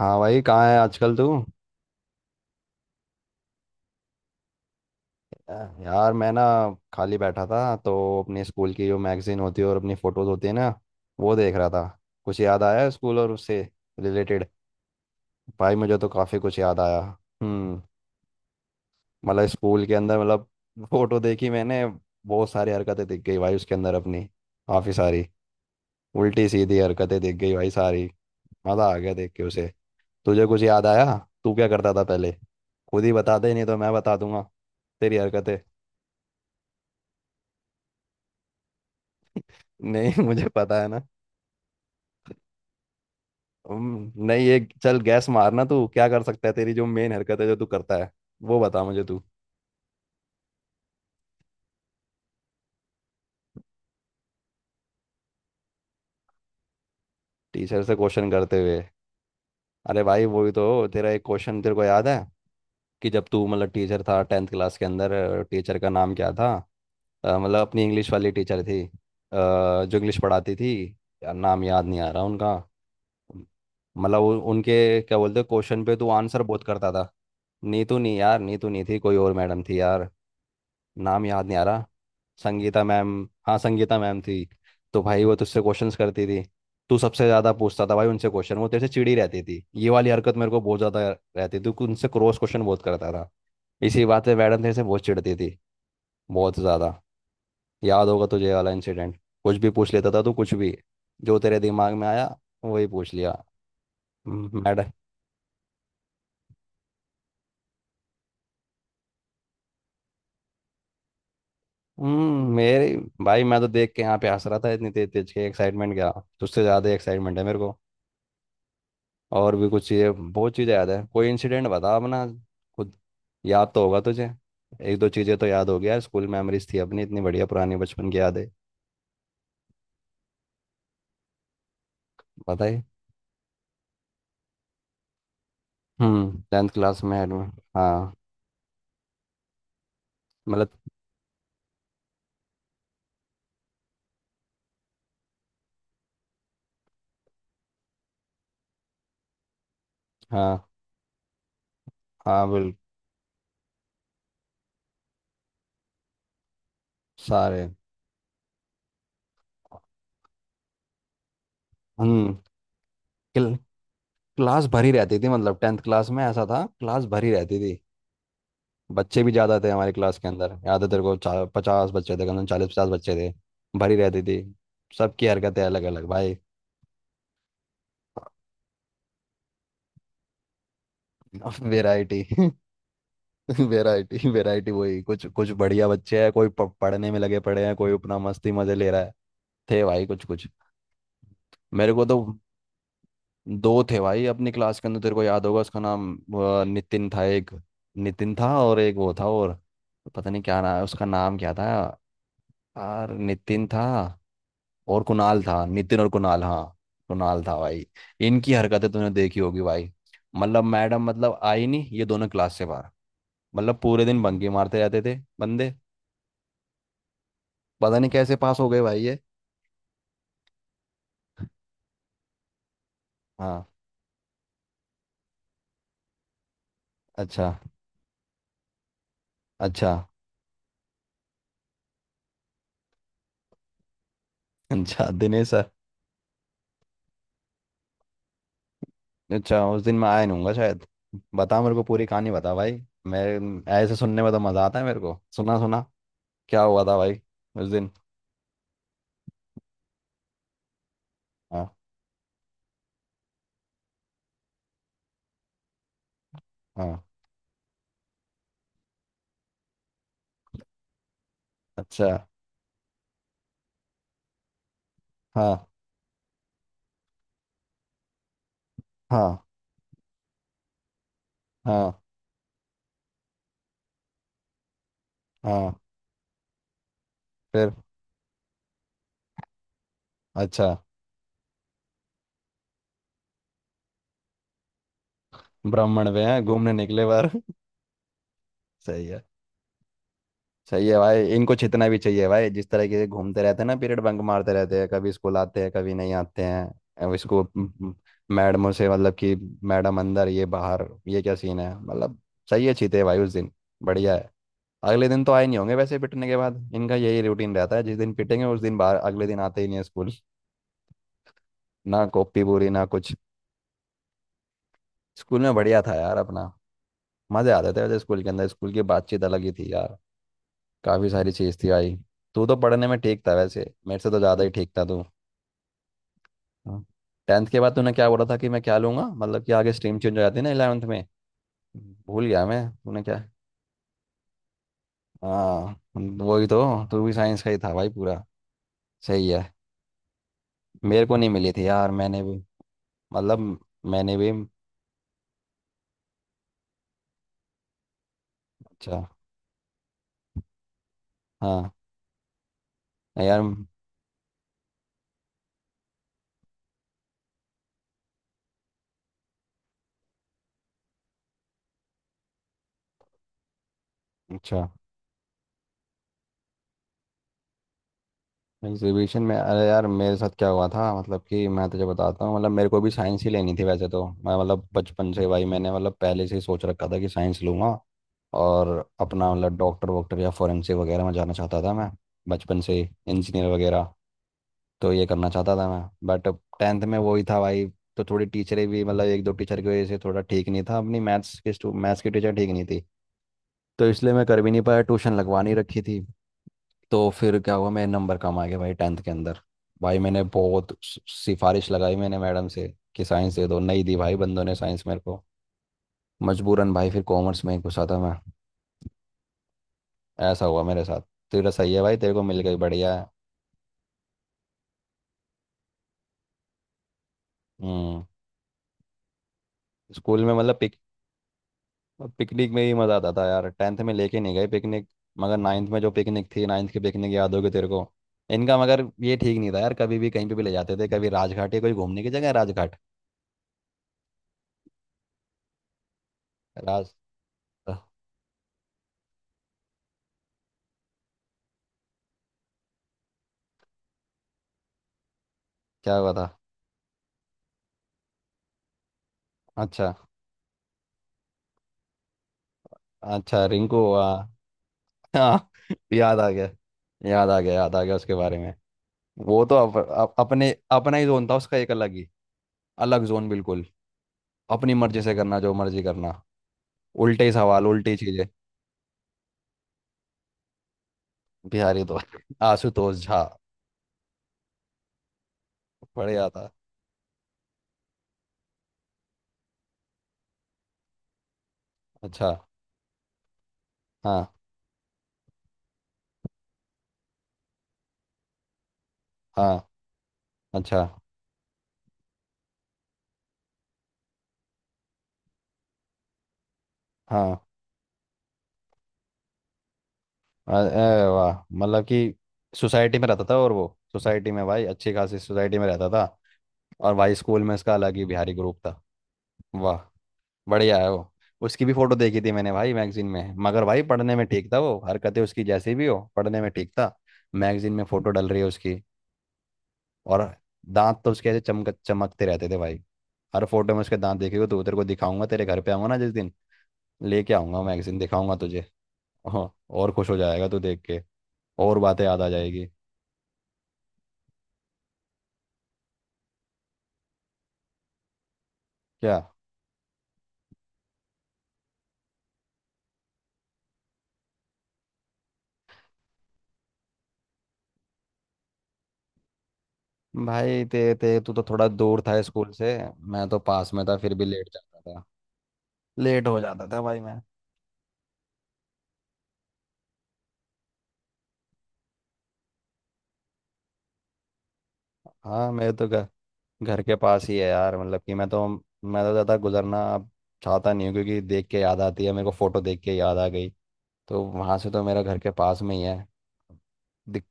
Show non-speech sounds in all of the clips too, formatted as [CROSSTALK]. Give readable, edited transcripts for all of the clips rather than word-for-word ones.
हाँ भाई, कहाँ है आजकल तू। अ, यार मैं ना खाली बैठा था तो अपने स्कूल की जो मैगजीन होती है और अपनी फ़ोटोज़ होती है ना, वो देख रहा था। कुछ याद आया स्कूल और उससे रिलेटेड। भाई मुझे तो काफ़ी कुछ याद आया। हम्म। मतलब स्कूल के अंदर, मतलब फ़ोटो देखी मैंने। बहुत सारी हरकतें दिख गई भाई उसके अंदर अपनी, काफ़ी सारी उल्टी सीधी हरकतें दिख गई भाई सारी। मज़ा आ गया देख के उसे। तुझे कुछ याद आया? तू क्या करता था पहले? खुद ही बता दे, नहीं तो मैं बता दूंगा तेरी हरकतें। नहीं [LAUGHS] मुझे पता है ना। नहीं, ये चल गैस मारना, तू क्या कर सकता है, तेरी जो मेन हरकत है जो तू करता है वो बता मुझे तू। टीचर से क्वेश्चन करते हुए। अरे भाई, वही तो। तेरा एक क्वेश्चन तेरे को याद है कि जब तू मतलब टीचर था टेंथ क्लास के अंदर, टीचर का नाम क्या था? मतलब अपनी इंग्लिश वाली टीचर थी, जो इंग्लिश पढ़ाती थी। यार नाम याद नहीं आ रहा उनका। मतलब उनके क्या बोलते, क्वेश्चन पे तू आंसर बहुत करता था। नीतू नहीं यार, नीतू नहीं थी, कोई और मैडम थी यार। नाम याद नहीं आ रहा। संगीता मैम, हाँ संगीता मैम थी। तो भाई वो तुझसे क्वेश्चंस करती थी, तू सबसे ज़्यादा पूछता था भाई उनसे क्वेश्चन, वो तेरे से चिड़ी रहती थी, ये वाली हरकत मेरे को बहुत ज़्यादा रहती थी। तू उनसे क्रॉस क्वेश्चन बहुत करता था। इसी बात से मैडम तेरे से बहुत चिढ़ती थी, बहुत ज़्यादा। याद होगा तुझे ये वाला इंसिडेंट। कुछ भी पूछ लेता था तू, कुछ भी जो तेरे दिमाग में आया वही पूछ लिया। मैडम। मेरे भाई मैं तो देख के यहाँ पे हंस रहा था, इतनी तेज तेज के एक्साइटमेंट क्या। तुझसे ज़्यादा एक्साइटमेंट है मेरे को। और भी कुछ चीज़ें, बहुत चीज़ें याद है, कोई इंसिडेंट बता अपना खुद। याद तो होगा तुझे, एक दो चीज़ें तो याद होगी यार, स्कूल मेमोरीज थी अपनी इतनी बढ़िया, पुरानी बचपन की यादें। बताइए। टेंथ क्लास में एडमिट, हाँ। मतलब। हाँ। हाँ, बिल्कुल। सारे। हम्म। क्ल, क्लास भरी रहती थी, मतलब टेंथ क्लास में ऐसा था, क्लास भरी रहती थी। बच्चे भी ज़्यादा थे हमारी क्लास के अंदर, याद है तेरे को, पचास बच्चे थे, कम से कम चालीस पचास बच्चे थे, भरी रहती थी। सबकी हरकतें अलग अलग भाई। वैरायटी [LAUGHS] [LAUGHS] वैरायटी वैरायटी, वही कुछ कुछ बढ़िया बच्चे हैं, कोई पढ़ने में लगे पड़े हैं, कोई अपना मस्ती मजे ले रहा है। थे भाई कुछ कुछ। मेरे को तो दो थे भाई अपनी क्लास के अंदर, तेरे को याद होगा उसका नाम, नितिन था एक। नितिन था और एक वो था, और पता नहीं क्या नाम, उसका नाम क्या था यार। नितिन था और कुणाल था, नितिन और कुणाल, हाँ। कुणाल था भाई। इनकी हरकतें तूने देखी होगी भाई। मतलब मैडम मतलब आई नहीं ये दोनों क्लास से बाहर, मतलब पूरे दिन बंकी मारते रहते थे बंदे, पता नहीं कैसे पास हो गए भाई ये। हाँ। अच्छा। अच्छा। अच्छा दिनेश सर। अच्छा उस दिन मैं आया नहीं हूँगा शायद। बता मेरे को पूरी कहानी बता भाई। मैं ऐसे सुनने में तो मज़ा आता है मेरे को, सुना सुना क्या हुआ था भाई उस दिन। हाँ। हाँ। अच्छा। हाँ। हाँ। हाँ। हाँ। फिर। अच्छा। ब्राह्मण वे हैं, घूमने निकले बाहर। [LAUGHS] सही है। सही है भाई, इनको छितना भी चाहिए भाई, जिस तरह के घूमते रहते हैं ना, पीरियड बंक मारते रहते हैं, कभी स्कूल आते हैं कभी नहीं आते हैं। अब इसको मैडमों से मतलब कि मैडम अंदर ये बाहर, ये क्या सीन है मतलब। सही है चीते भाई उस दिन। बढ़िया है। अगले दिन तो आए नहीं होंगे वैसे पिटने के बाद, इनका यही रूटीन रहता है, जिस दिन पिटेंगे उस दिन बाहर, अगले दिन आते ही नहीं है स्कूल, ना कॉपी पूरी ना कुछ। स्कूल में बढ़िया था यार अपना, मजे आते थे वैसे स्कूल के अंदर, स्कूल की बातचीत अलग ही थी यार। काफी सारी चीज थी भाई। तू तो पढ़ने में ठीक था वैसे, मेरे से तो ज्यादा ही ठीक था तू। हाँ। टेंथ के बाद तूने क्या बोला था कि मैं क्या लूंगा, मतलब कि आगे स्ट्रीम चेंज हो जाती है ना इलेवेंथ में, भूल गया मैं, तूने क्या। हाँ। वही तो। तू भी साइंस का ही था भाई पूरा। सही है। मेरे को नहीं मिली थी यार, मैंने भी मतलब मैंने भी। अच्छा। हाँ यार। अच्छा। एग्जीबिशन में अरे यार मेरे साथ क्या हुआ था, मतलब कि मैं तुझे बताता हूँ, मतलब मेरे को भी साइंस ही लेनी थी वैसे तो, मैं मतलब बचपन से भाई, मैंने मतलब पहले से ही सोच रखा था कि साइंस लूंगा, और अपना मतलब डॉक्टर वॉक्टर या फोरेंसिक वगैरह में जाना चाहता था मैं बचपन से, इंजीनियर वगैरह, तो ये करना चाहता था मैं, बट टेंथ में वही था भाई। तो थोड़ी टीचरें भी मतलब एक दो टीचर की वजह से थोड़ा ठीक नहीं था, अपनी मैथ्स के स्टू मैथ्स की टीचर ठीक नहीं थी, तो इसलिए मैं कर भी नहीं पाया, ट्यूशन लगवा नहीं रखी थी। तो फिर क्या हुआ, मेरे नंबर कम आ गए भाई टेंथ के अंदर। भाई मैंने बहुत सिफारिश लगाई मैंने मैडम से कि साइंस दे दो, नहीं दी भाई बंदों ने साइंस मेरे को, मजबूरन भाई फिर कॉमर्स में ही घुसा था मैं। ऐसा हुआ मेरे साथ। तेरा सही है भाई, तेरे को मिल गई, बढ़िया है। हम्म। स्कूल में मतलब पिकनिक में ही मज़ा आता था यार, टेंथ में लेके नहीं गए पिकनिक, मगर नाइन्थ में जो पिकनिक थी, नाइन्थ की पिकनिक याद होगी तेरे को। इनका मगर ये ठीक नहीं था यार, कभी भी कहीं पे भी ले जाते थे, कभी राजघाट, या कोई घूमने की जगह है राजघाट। राज क्या हुआ था। अच्छा। अच्छा रिंकू। हाँ [LAUGHS] याद आ गया, याद आ गया, याद आ गया उसके बारे में। वो तो अप, अप, अपने, अपना ही जोन था उसका, एक अलग ही, अलग जोन बिल्कुल, अपनी मर्जी से करना जो मर्जी करना, उल्टे सवाल उल्टी चीजें। बिहारी तो [LAUGHS] आशुतोष झा, बढ़िया था। अच्छा। हाँ। हाँ। अच्छा। हाँ। अरे वाह, मतलब कि सोसाइटी में रहता था और वो, सोसाइटी में भाई, अच्छी खासी सोसाइटी में रहता था, और भाई स्कूल में इसका अलग ही बिहारी ग्रुप था, वाह बढ़िया है वो। उसकी भी फोटो देखी थी मैंने भाई मैगजीन में, मगर भाई पढ़ने में ठीक था वो, हरकतें उसकी जैसी भी हो पढ़ने में ठीक था। मैगजीन में फोटो डल रही है उसकी, और दांत तो उसके ऐसे चमक चमकते रहते थे भाई, हर फोटो में उसके दांत। देखेगा तो तेरे को दिखाऊंगा, तेरे घर पे आऊंगा ना जिस दिन, लेके आऊंगा मैगजीन, दिखाऊंगा तुझे। हाँ, और खुश हो जाएगा तू देख के, और बातें याद आ जाएगी। क्या। भाई ते ते तू तो थोड़ा दूर था स्कूल से, मैं तो पास में था फिर भी लेट जाता था, लेट हो जाता था भाई मैं। हाँ। मेरे तो घर घर के पास ही है यार, मतलब कि मैं तो, मैं तो ज़्यादा गुजरना अब चाहता नहीं हूँ क्योंकि देख के याद आती है मेरे को, फोटो देख के याद आ गई। तो वहाँ से तो मेरा घर के पास में ही है। दिक,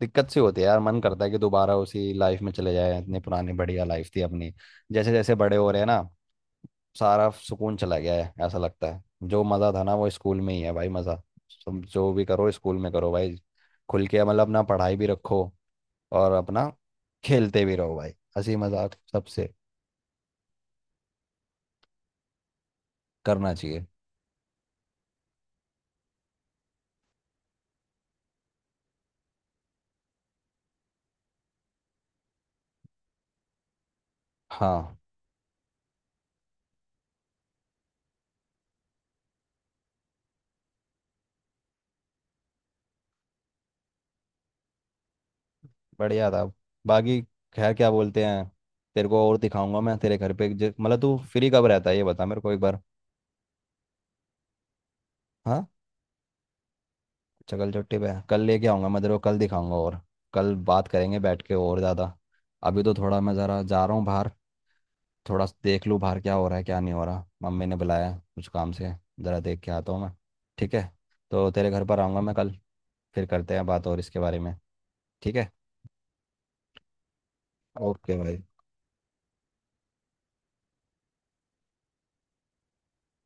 दिक्कत सी होती है यार, मन करता है कि दोबारा उसी लाइफ में चले जाए, इतनी पुरानी बढ़िया लाइफ थी अपनी, जैसे जैसे बड़े हो रहे हैं ना सारा सुकून चला गया है ऐसा लगता है, जो मज़ा था ना वो स्कूल में ही है भाई मज़ा। तुम जो भी करो स्कूल में करो भाई, खुल के, मतलब अपना पढ़ाई भी रखो और अपना खेलते भी रहो भाई, हंसी मजाक सबसे करना चाहिए। हाँ। बढ़िया था। बाकी खैर क्या बोलते हैं, तेरे को और दिखाऊंगा मैं तेरे घर पे मतलब तू फ्री कब रहता है ये बता मेरे को एक बार। हाँ। चकल चट्टी पे कल लेके आऊंगा मैं तेरे को, कल दिखाऊंगा, और कल बात करेंगे बैठ के और ज़्यादा। अभी तो थोड़ा मैं ज़रा जा रहा हूँ बाहर, थोड़ा देख लूँ बाहर क्या हो रहा है क्या नहीं हो रहा, मम्मी ने बुलाया है कुछ काम से, ज़रा देख के आता हूँ मैं। ठीक है। तो तेरे घर पर आऊँगा मैं कल, फिर करते हैं बात और इसके बारे में। ठीक है। ओके भाई।